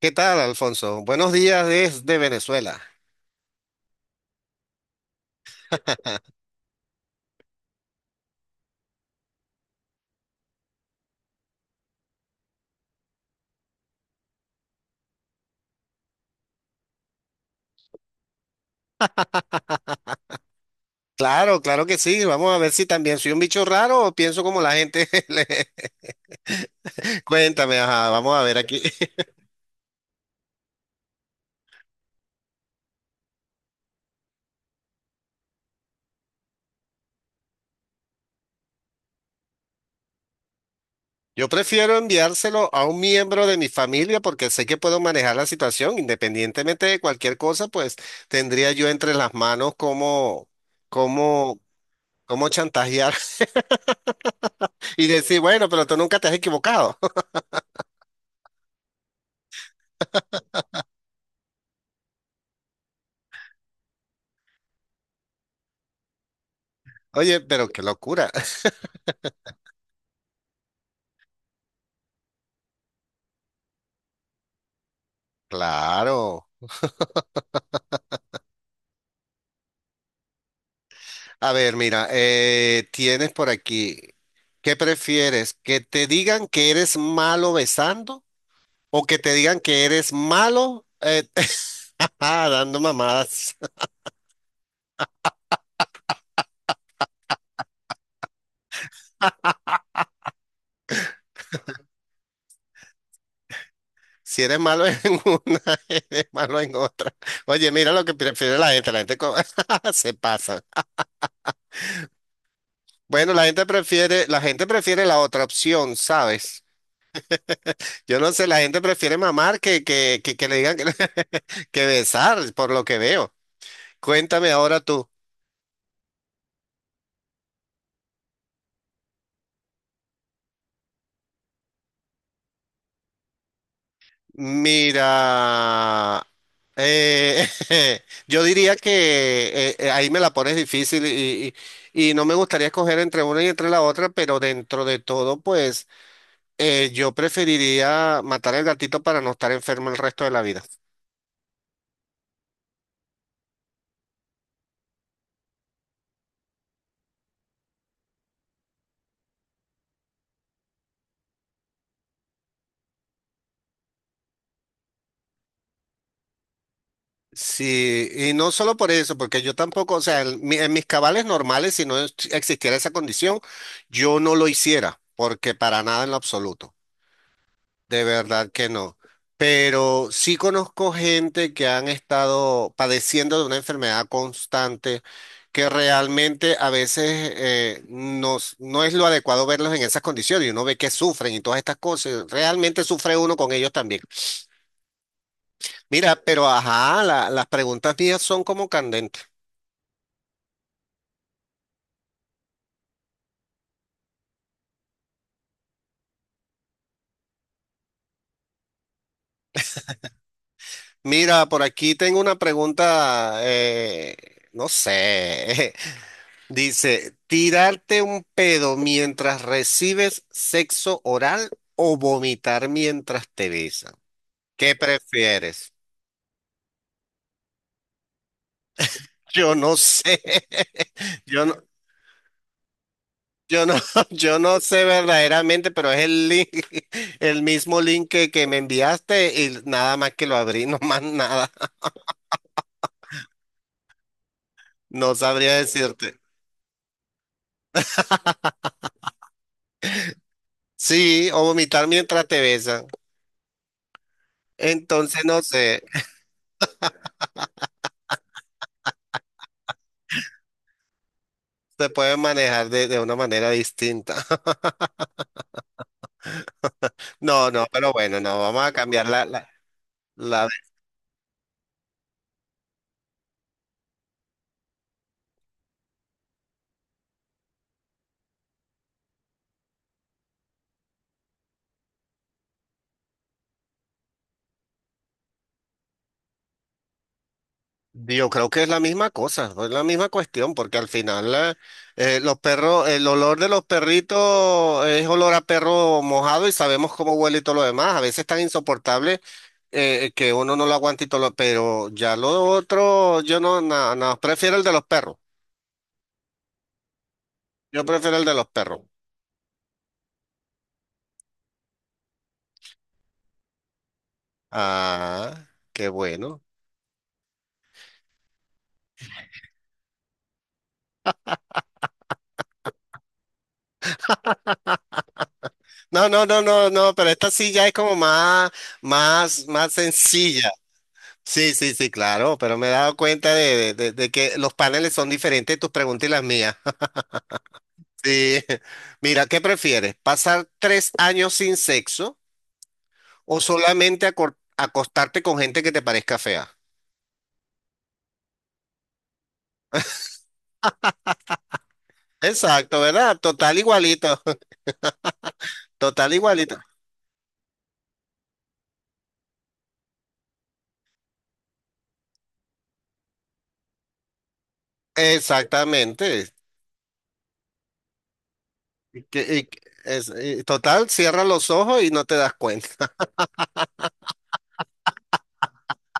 ¿Qué tal, Alfonso? Buenos días desde Venezuela. Claro, claro que sí. Vamos a ver si también soy un bicho raro o pienso como la gente. Cuéntame, ajá, vamos a ver aquí. Yo prefiero enviárselo a un miembro de mi familia porque sé que puedo manejar la situación. Independientemente de cualquier cosa, pues tendría yo entre las manos cómo, cómo chantajear y decir, bueno, pero tú nunca te has equivocado. Oye, pero qué locura. Claro. A ver, mira, tienes por aquí, ¿qué prefieres? ¿Que te digan que eres malo besando o que te digan que eres malo dando mamadas? Si eres malo en una, eres malo en otra. Oye, mira lo que prefiere la gente, se pasa. Bueno, la gente prefiere la otra opción, ¿sabes? Yo no sé, la gente prefiere mamar que le digan que besar, por lo que veo. Cuéntame ahora tú. Mira, eh, yo diría que ahí me la pones difícil y no me gustaría escoger entre una y entre la otra, pero dentro de todo, pues yo preferiría matar al gatito para no estar enfermo el resto de la vida. Sí, y no solo por eso, porque yo tampoco, o sea, en mis cabales normales, si no es- existiera esa condición, yo no lo hiciera, porque para nada en lo absoluto. De verdad que no. Pero sí conozco gente que han estado padeciendo de una enfermedad constante que realmente a veces no es lo adecuado verlos en esas condiciones y uno ve que sufren y todas estas cosas. Realmente sufre uno con ellos también. Mira, pero ajá, las preguntas mías son como candentes. Mira, por aquí tengo una pregunta, no sé, dice, tirarte un pedo mientras recibes sexo oral o vomitar mientras te besan. ¿Qué prefieres? Yo no sé. Yo no, yo no, yo no sé verdaderamente, pero es el link, el mismo link que me enviaste y nada más que lo abrí, no más nada. No sabría decirte. Sí, o vomitar mientras te besan. Entonces, no sé, se puede manejar de una manera distinta. No, pero bueno, no, vamos a cambiar la- Yo creo que es la misma cosa, es la misma cuestión, porque al final los perros, el olor de los perritos es olor a perro mojado y sabemos cómo huele y todo lo demás. A veces tan insoportable que uno no lo aguanta y todo lo... Pero ya lo otro, yo no, no, no, prefiero el de los perros. Yo prefiero el de los perros. Ah, qué bueno. No, no, no, no, no, pero esta sí ya es como más sencilla. Sí, sí, sí, claro, pero me he dado cuenta de que los paneles son diferentes, tus preguntas y las mías. Sí. Mira, ¿qué prefieres? ¿Pasar tres años sin sexo o solamente acostarte con gente que te parezca fea? Exacto, ¿verdad? Total igualito, total igualito. Exactamente. Y total, cierra los ojos y no te das cuenta.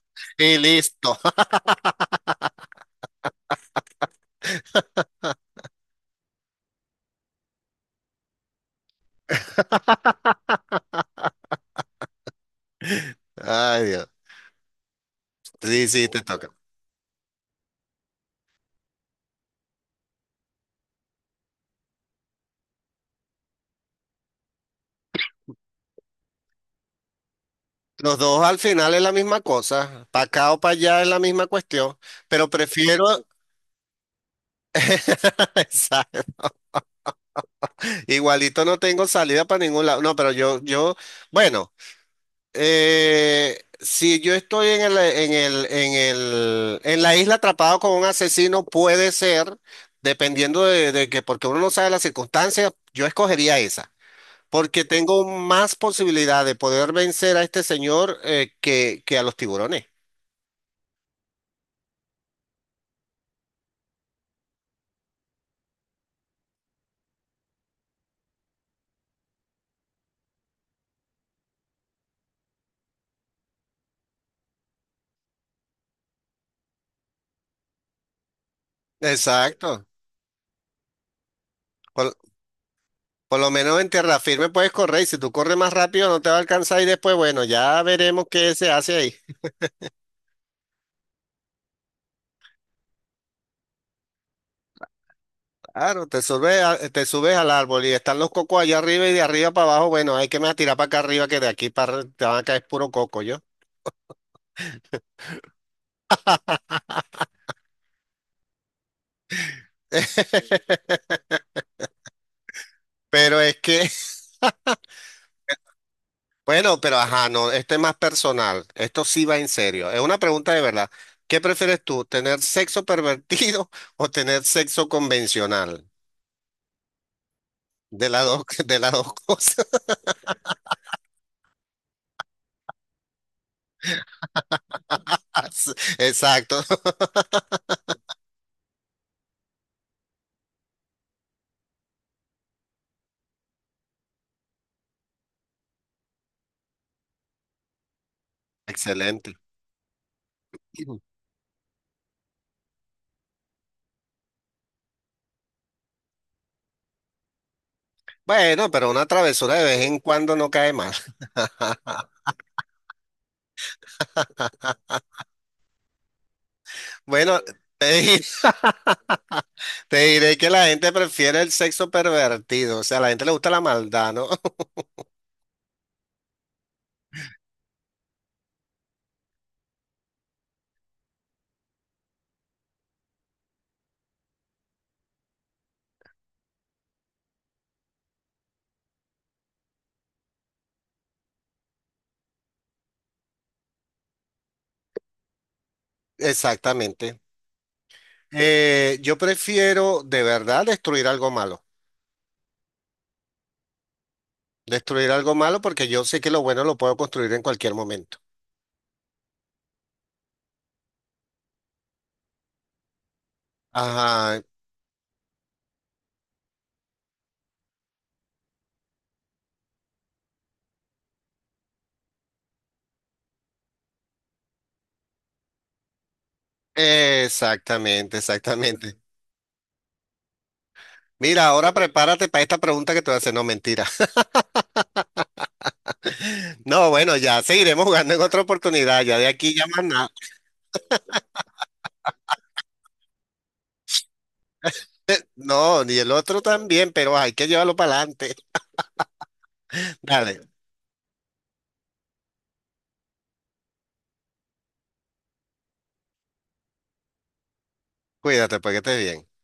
Y listo. Ay, Dios. Sí, sí, te toca. Los dos al final es la misma cosa, para acá o para allá es la misma cuestión, pero prefiero, exacto. Igualito no tengo salida para ningún lado, no, pero yo, bueno, si yo estoy en en la isla atrapado con un asesino, puede ser, dependiendo de que, porque uno no sabe las circunstancias, yo escogería esa. Porque tengo más posibilidad de poder vencer a este señor que a los tiburones. Exacto. Con- Por lo menos en tierra firme puedes correr y si tú corres más rápido no te va a alcanzar y después, bueno, ya veremos qué se hace ahí. Claro, te subes, te subes al árbol y están los cocos allá arriba y de arriba para abajo, bueno, hay que me tirar para acá arriba que de aquí para te van a caer puro coco yo. Pero es que, bueno, pero ajá, no, este es más personal, esto sí va en serio, es una pregunta de verdad. ¿Qué prefieres tú, tener sexo pervertido o tener sexo convencional? De las dos, de las dos cosas. Exacto, excelente. Bueno, pero una travesura de vez en cuando no cae mal. Bueno, te, di- te diré que la gente prefiere el sexo pervertido, o sea, a la gente le gusta la maldad, ¿no? Exactamente. Yo prefiero de verdad destruir algo malo porque yo sé que lo bueno lo puedo construir en cualquier momento. Ajá, exactamente, exactamente. Mira, ahora prepárate para esta pregunta que te voy a hacer, no mentira. No, bueno, ya seguiremos jugando en otra oportunidad, ya de aquí ya más nada. No, y el otro también, pero hay que llevarlo para adelante. Dale, cuídate, porque estés bien.